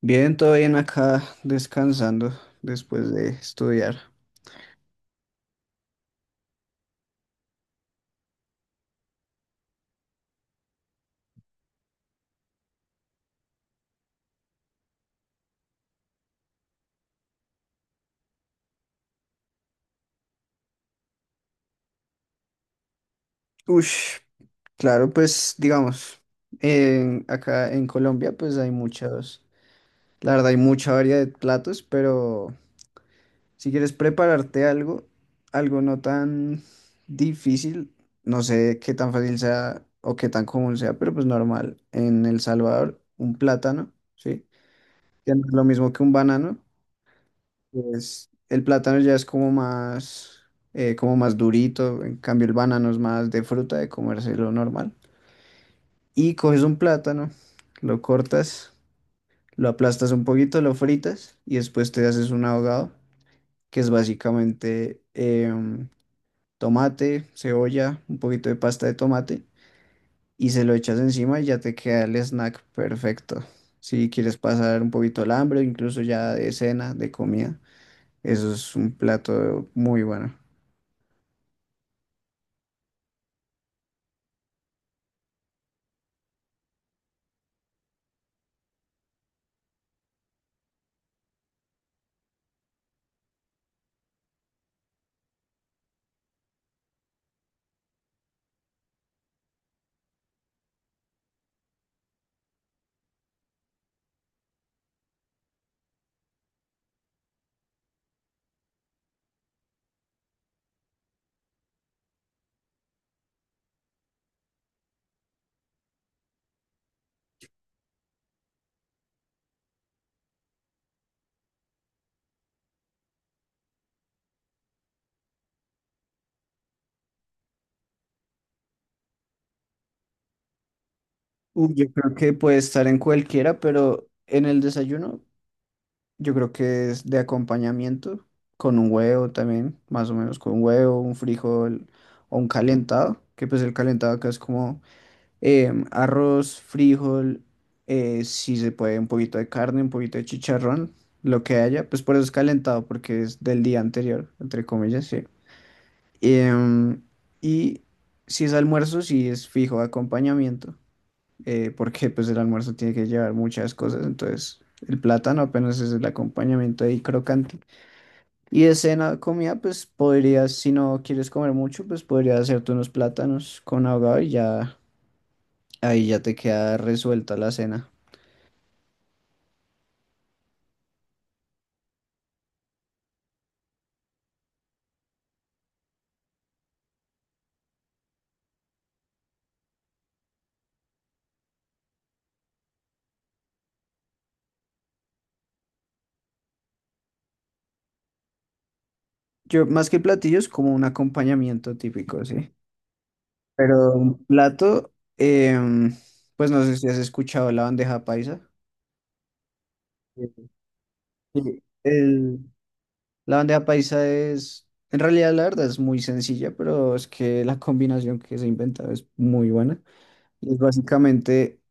Bien, todo bien acá, descansando después de estudiar. Ush, claro, pues digamos, acá en Colombia pues hay muchos, la verdad hay mucha variedad de platos, pero si quieres prepararte algo, algo no tan difícil, no sé qué tan fácil sea o qué tan común sea, pero pues normal. En El Salvador, un plátano, ¿sí? Que no es lo mismo que un banano. Pues, el plátano ya es como más durito, en cambio el banano es más de fruta, de comérselo normal. Y coges un plátano, lo cortas, lo aplastas un poquito, lo fritas y después te haces un ahogado, que es básicamente tomate, cebolla, un poquito de pasta de tomate y se lo echas encima y ya te queda el snack perfecto. Si quieres pasar un poquito el hambre, incluso ya de cena, de comida, eso es un plato muy bueno. Uy, yo creo que puede estar en cualquiera, pero en el desayuno yo creo que es de acompañamiento, con un huevo también, más o menos con un huevo, un frijol o un calentado, que pues el calentado acá es como arroz, frijol, si se puede un poquito de carne, un poquito de chicharrón, lo que haya, pues por eso es calentado, porque es del día anterior, entre comillas, sí. Em, y si es almuerzo, si es fijo acompañamiento, porque pues el almuerzo tiene que llevar muchas cosas, entonces el plátano apenas es el acompañamiento ahí crocante. Y de cena, comida, pues podrías, si no quieres comer mucho, pues podrías hacerte unos plátanos con ahogado y ya ahí ya te queda resuelta la cena. Yo, más que platillos, como un acompañamiento típico, sí. Pero un plato, pues no sé si has escuchado la bandeja paisa. Sí. Sí, El, La bandeja paisa es, en realidad la verdad es muy sencilla, pero es que la combinación que se ha inventado es muy buena. Y es básicamente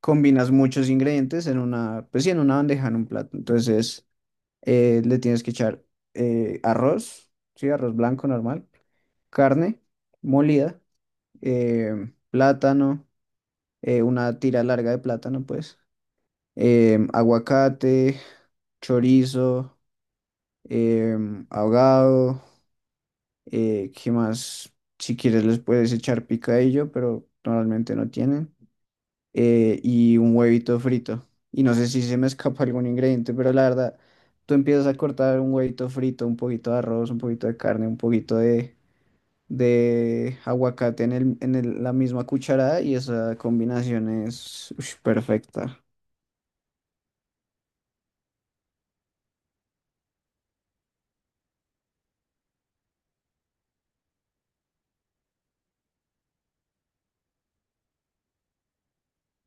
combinas muchos ingredientes en una, pues sí, en una bandeja, en un plato. Entonces le tienes que echar arroz, sí, arroz blanco normal, carne molida, plátano, una tira larga de plátano, pues, aguacate, chorizo, ahogado. ¿Qué más? Si quieres les puedes echar picadillo, pero normalmente no tienen. Y un huevito frito. Y no sé si se me escapa algún ingrediente, pero la verdad, tú empiezas a cortar un huevito frito, un poquito de arroz, un poquito de carne, un poquito de aguacate en la misma cucharada y esa combinación es ush, perfecta.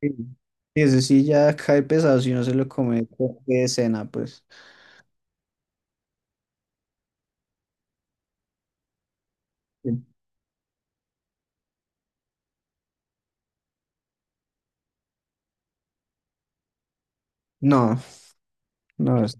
Sí. Y ese sí ya cae pesado si no se lo come de cena, pues. Sí. No, no.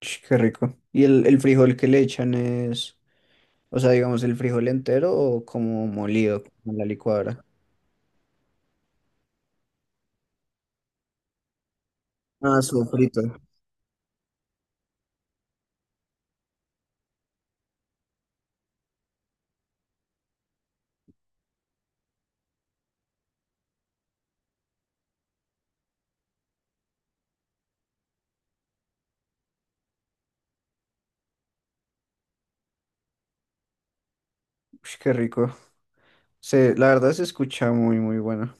Ch, qué rico. ¿Y el frijol que le echan es, o sea, digamos, el frijol entero o como molido, como en la licuadora? Ah, sofrito. Ch, qué rico. Se, la verdad se escucha muy, muy bueno.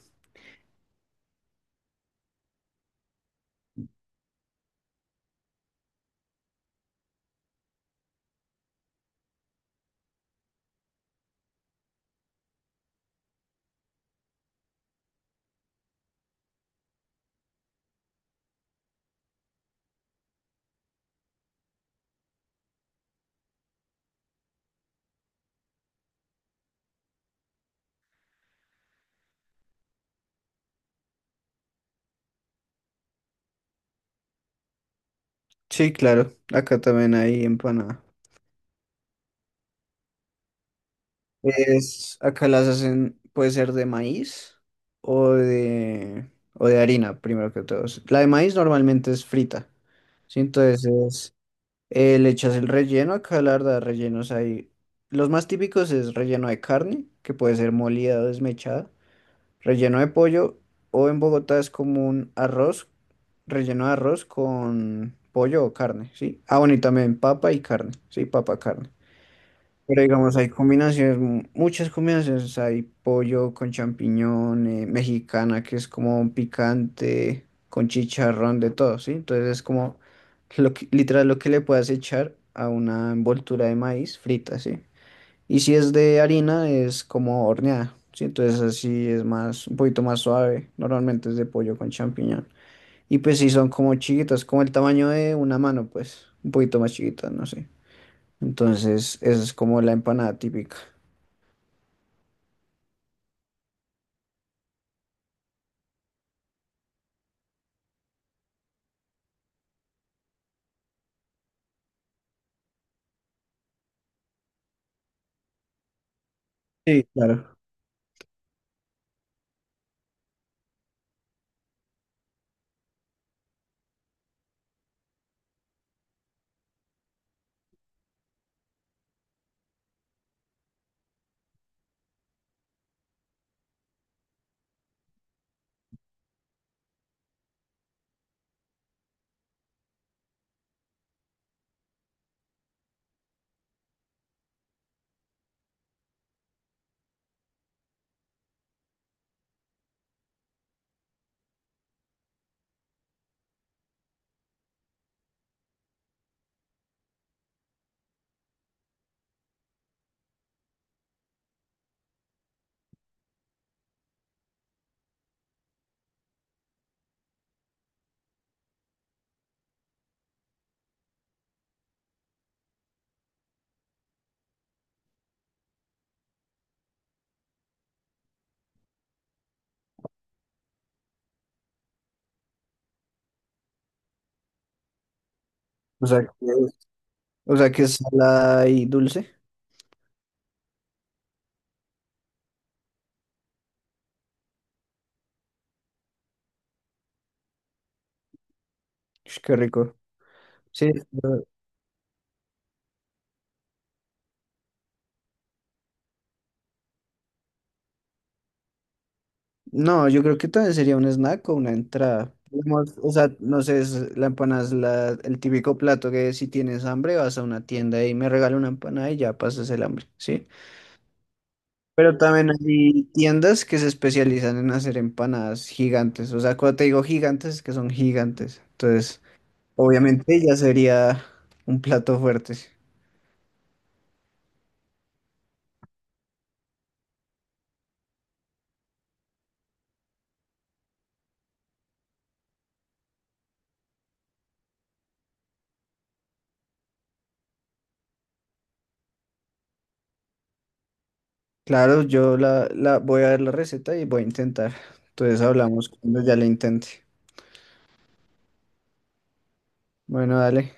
Sí, claro. Acá también hay empanada. Es, acá las hacen, puede ser de maíz o de harina, primero que todo. La de maíz normalmente es frita. Sí, entonces le echas el relleno, acá la verdad, rellenos hay. Los más típicos es relleno de carne, que puede ser molida o desmechada, relleno de pollo, o en Bogotá es como un arroz, relleno de arroz con pollo o carne, ¿sí? Ah, bueno, y también papa y carne, ¿sí? Papa, carne. Pero digamos, hay combinaciones, muchas combinaciones. Hay pollo con champiñón, mexicana, que es como un picante, con chicharrón, de todo, ¿sí? Entonces es como lo que, literal lo que le puedas echar a una envoltura de maíz frita, ¿sí? Y si es de harina, es como horneada, ¿sí? Entonces así es más, un poquito más suave. Normalmente es de pollo con champiñón. Y pues sí, son como chiquitas, como el tamaño de una mano, pues, un poquito más chiquitas, no sé. Entonces, esa es como la empanada típica. Sí, claro. O sea, que, o sea que es salada y dulce. Ush, qué rico. Sí. pero- No, yo creo que también sería un snack o una entrada. Digamos, o sea, no sé, la empanada es el típico plato que si tienes hambre vas a una tienda y me regala una empanada y ya pasas el hambre, ¿sí? Pero también hay tiendas que se especializan en hacer empanadas gigantes. O sea, cuando te digo gigantes es que son gigantes. Entonces... Obviamente ya sería un plato fuerte. Claro, yo la voy a ver la receta y voy a intentar. Entonces hablamos cuando ya la intente. Bueno, dale.